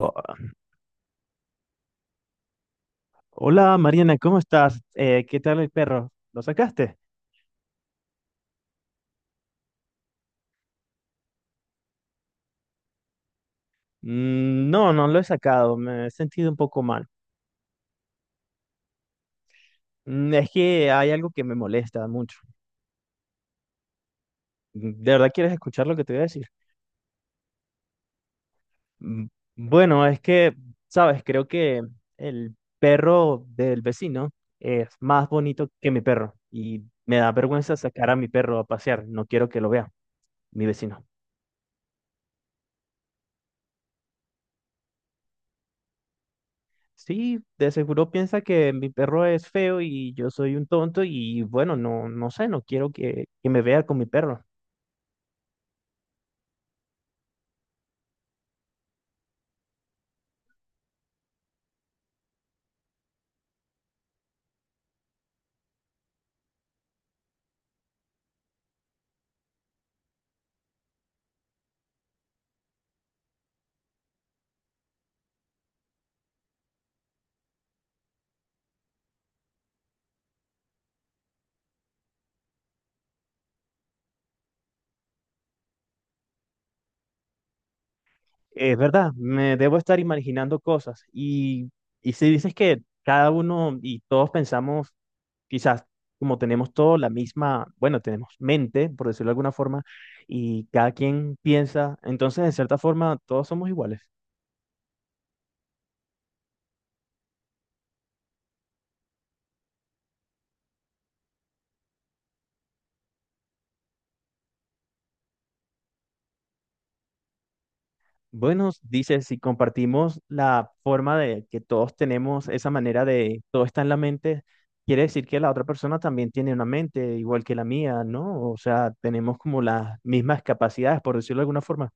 Oh, Hola Mariana, ¿cómo estás? ¿Qué tal el perro? ¿Lo sacaste? No, no lo he sacado, me he sentido un poco mal. Es que hay algo que me molesta mucho. ¿De verdad quieres escuchar lo que te voy a decir? Mm, bueno, es que, sabes, creo que el perro del vecino es más bonito que mi perro y me da vergüenza sacar a mi perro a pasear, no quiero que lo vea mi vecino. Sí, de seguro piensa que mi perro es feo y yo soy un tonto y bueno, no, no sé, no quiero que me vea con mi perro. Es verdad, me debo estar imaginando cosas. Y si dices que cada uno y todos pensamos, quizás como tenemos todos la misma, bueno, tenemos mente, por decirlo de alguna forma, y cada quien piensa, entonces de cierta forma todos somos iguales. Bueno, dice, si compartimos la forma de que todos tenemos esa manera de todo está en la mente, quiere decir que la otra persona también tiene una mente igual que la mía, ¿no? O sea, tenemos como las mismas capacidades, por decirlo de alguna forma.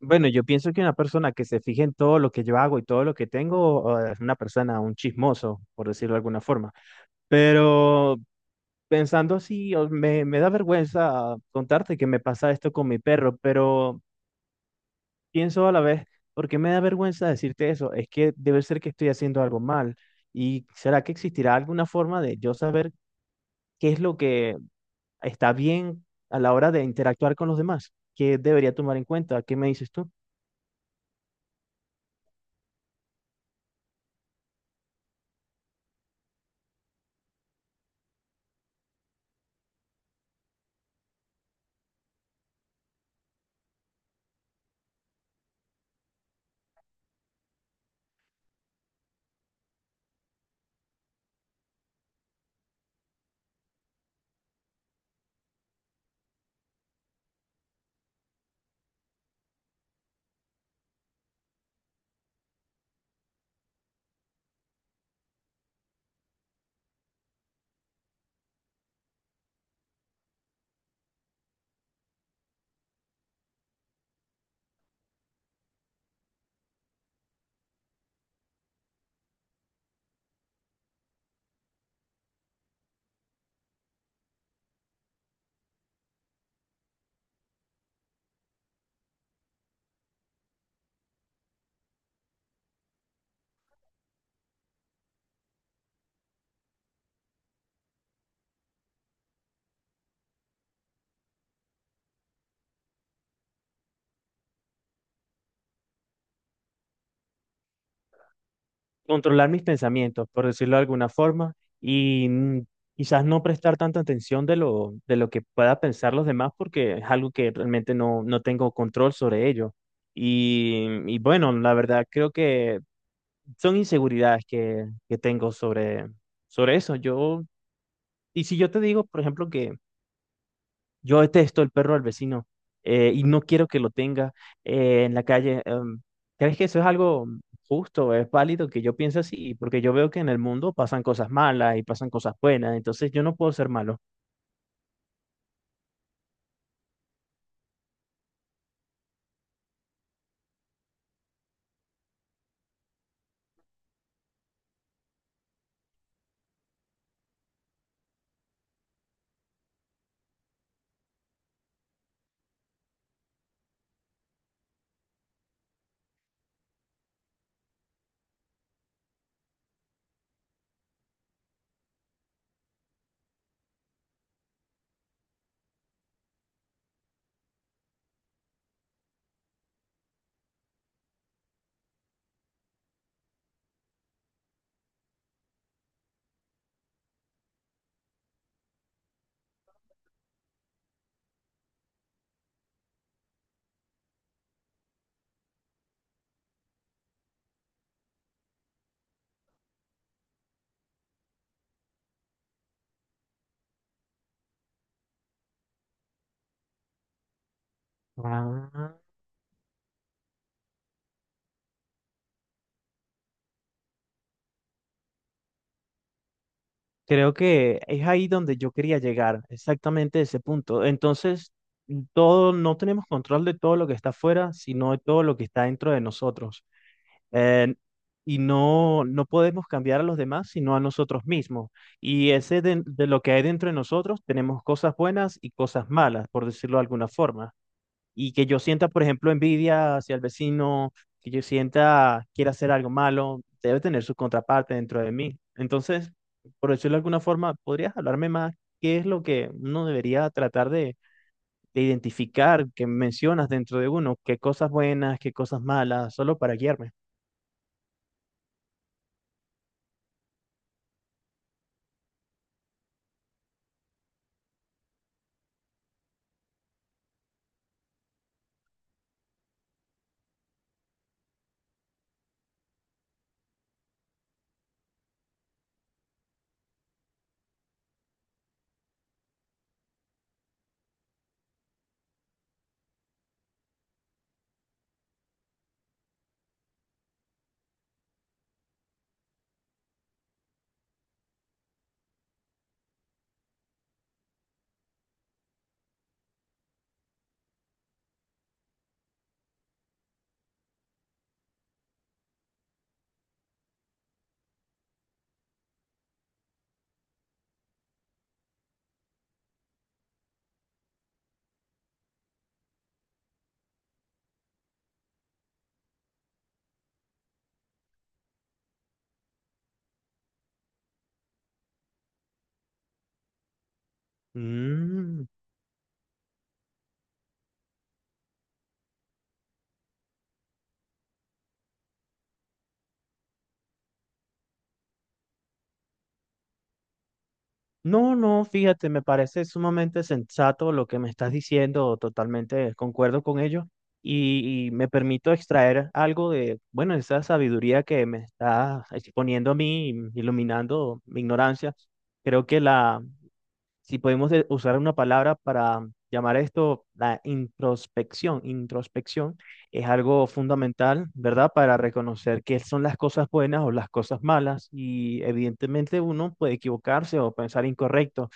Bueno, yo pienso que una persona que se fije en todo lo que yo hago y todo lo que tengo es una persona, un chismoso, por decirlo de alguna forma. Pero pensando así, me da vergüenza contarte que me pasa esto con mi perro, pienso a la vez, ¿porque me da vergüenza decirte eso? Es que debe ser que estoy haciendo algo mal. ¿Y será que existirá alguna forma de yo saber qué es lo que está bien a la hora de interactuar con los demás? ¿Qué debería tomar en cuenta? ¿Qué me dices tú? Controlar mis pensamientos, por decirlo de alguna forma, y quizás no prestar tanta atención de lo que pueda pensar los demás, porque es algo que realmente no, no tengo control sobre ello. Y bueno, la verdad creo que son inseguridades que tengo sobre eso. Y si yo te digo, por ejemplo, que yo detesto el perro del vecino y no quiero que lo tenga en la calle, ¿crees que eso es algo justo, es válido que yo piense así? Porque yo veo que en el mundo pasan cosas malas y pasan cosas buenas, entonces yo no puedo ser malo. Ah. Creo que es ahí donde yo quería llegar, exactamente ese punto. Entonces, todo, no tenemos control de todo lo que está afuera, sino de todo lo que está dentro de nosotros. Eh, y no, no podemos cambiar a los demás, sino a nosotros mismos. Y ese de lo que hay dentro de nosotros, tenemos cosas buenas y cosas malas, por decirlo de alguna forma. Y que yo sienta, por ejemplo, envidia hacia el vecino, que yo sienta quiera hacer algo malo, debe tener su contraparte dentro de mí. Entonces, por decirlo de alguna forma, ¿podrías hablarme más qué es lo que uno debería tratar de identificar que mencionas dentro de uno? ¿Qué cosas buenas, qué cosas malas, solo para guiarme? Mm, No, no, fíjate, me parece sumamente sensato lo que me estás diciendo, totalmente concuerdo con ello y me permito extraer algo de, bueno, esa sabiduría que me está exponiendo a mí, iluminando mi ignorancia. Creo que si podemos usar una palabra para llamar esto la introspección, introspección es algo fundamental, ¿verdad? Para reconocer qué son las cosas buenas o las cosas malas y evidentemente uno puede equivocarse o pensar incorrecto.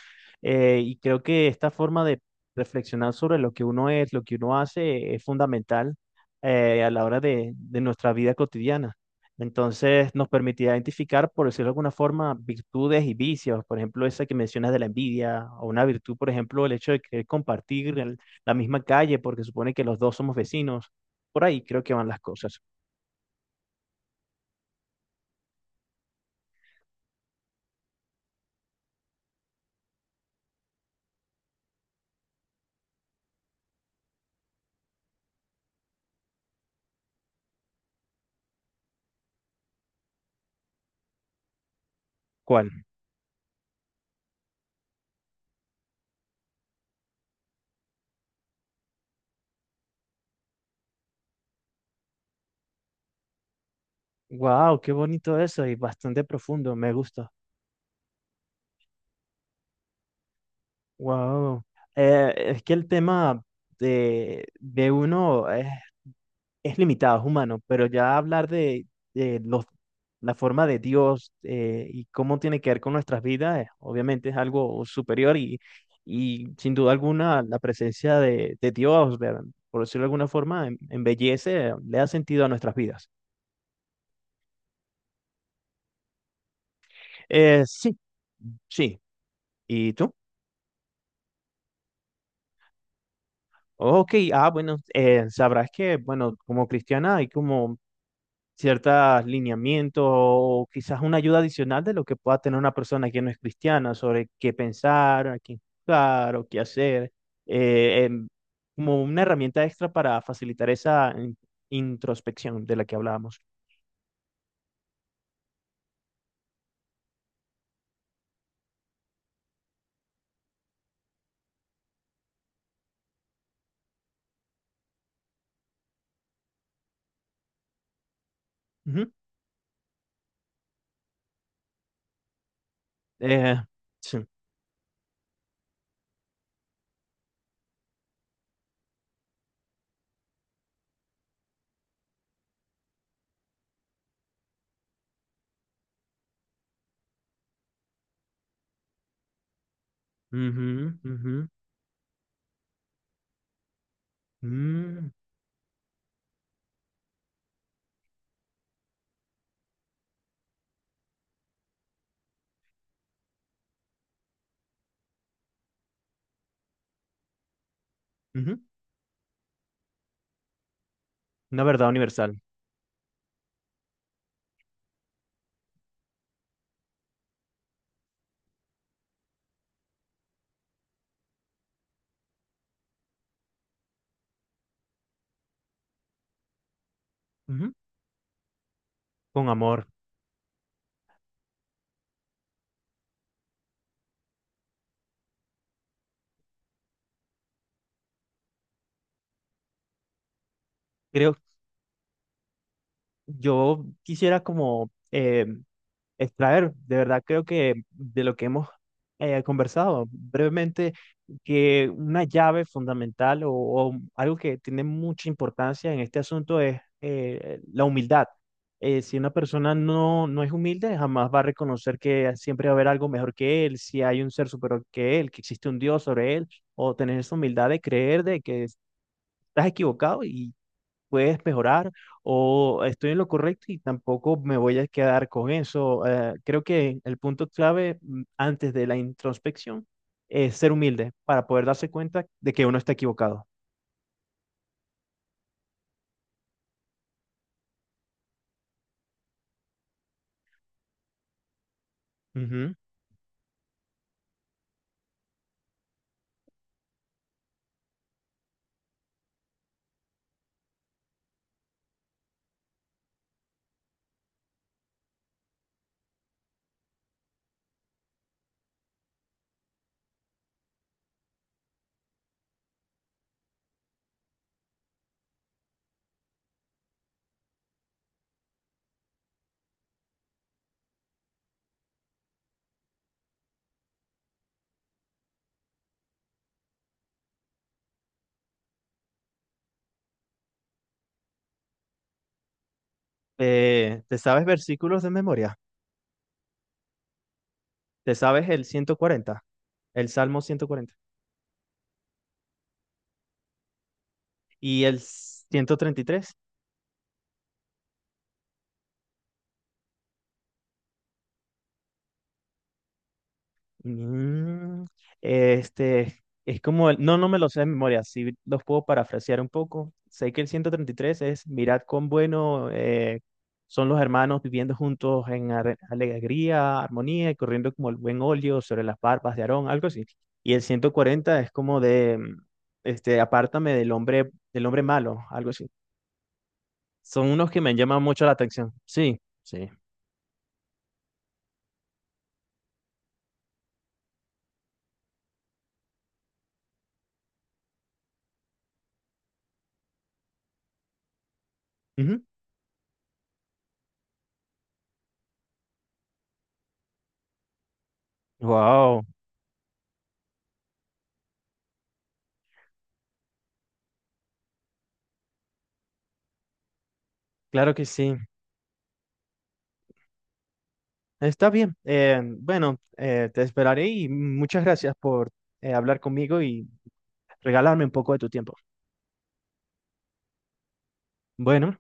Y creo que esta forma de reflexionar sobre lo que uno es, lo que uno hace, es fundamental a la hora de nuestra vida cotidiana. Entonces nos permitía identificar, por decirlo de alguna forma, virtudes y vicios. Por ejemplo, esa que mencionas de la envidia, o una virtud, por ejemplo, el hecho de querer compartir la misma calle, porque supone que los dos somos vecinos. Por ahí creo que van las cosas. ¿Cuál? Wow, qué bonito eso y bastante profundo. Me gusta. Wow. Es que el tema de uno es limitado, es humano, pero ya hablar de la forma de Dios y cómo tiene que ver con nuestras vidas, obviamente es algo superior y sin duda alguna la presencia de Dios, por decirlo de alguna forma, embellece, le da sentido a nuestras vidas. Sí, sí. ¿Y tú? Ok, ah, bueno, sabrás que, bueno, como cristiana hay como ciertos lineamientos o quizás una ayuda adicional de lo que pueda tener una persona que no es cristiana sobre qué pensar, a qué buscar o qué hacer, eh, em, como una herramienta extra para facilitar esa introspección de la que hablábamos. Ujú. Eh, sí. Ujú, ujú, mm, ujú. Una verdad universal, ujú. Con amor. Creo, yo quisiera como extraer, de verdad creo que de lo que hemos conversado brevemente, que una llave fundamental o algo que tiene mucha importancia en este asunto es la humildad. Si una persona no, no es humilde, jamás va a reconocer que siempre va a haber algo mejor que él, si hay un ser superior que él, que existe un Dios sobre él, o tener esa humildad de creer de que estás equivocado y puedes mejorar o estoy en lo correcto y tampoco me voy a quedar con eso. Creo que el punto clave antes de la introspección es ser humilde para poder darse cuenta de que uno está equivocado. Ujú. ¿Te sabes versículos de memoria? ¿Te sabes el 140, el Salmo 140 y el 133? Mm, este, es como, no, no me lo sé de memoria, sí los puedo parafrasear un poco. Sé que el 133 es, mirad cuán bueno son los hermanos viviendo juntos en alegría, armonía y corriendo como el buen óleo sobre las barbas de Aarón, algo así. Y el 140 es como de, este, apártame del hombre malo, algo así. Son unos que me llaman mucho la atención. Sí, sí. Wow, claro que sí. Está bien. Bueno, te esperaré y muchas gracias por hablar conmigo y regalarme un poco de tu tiempo. Bueno.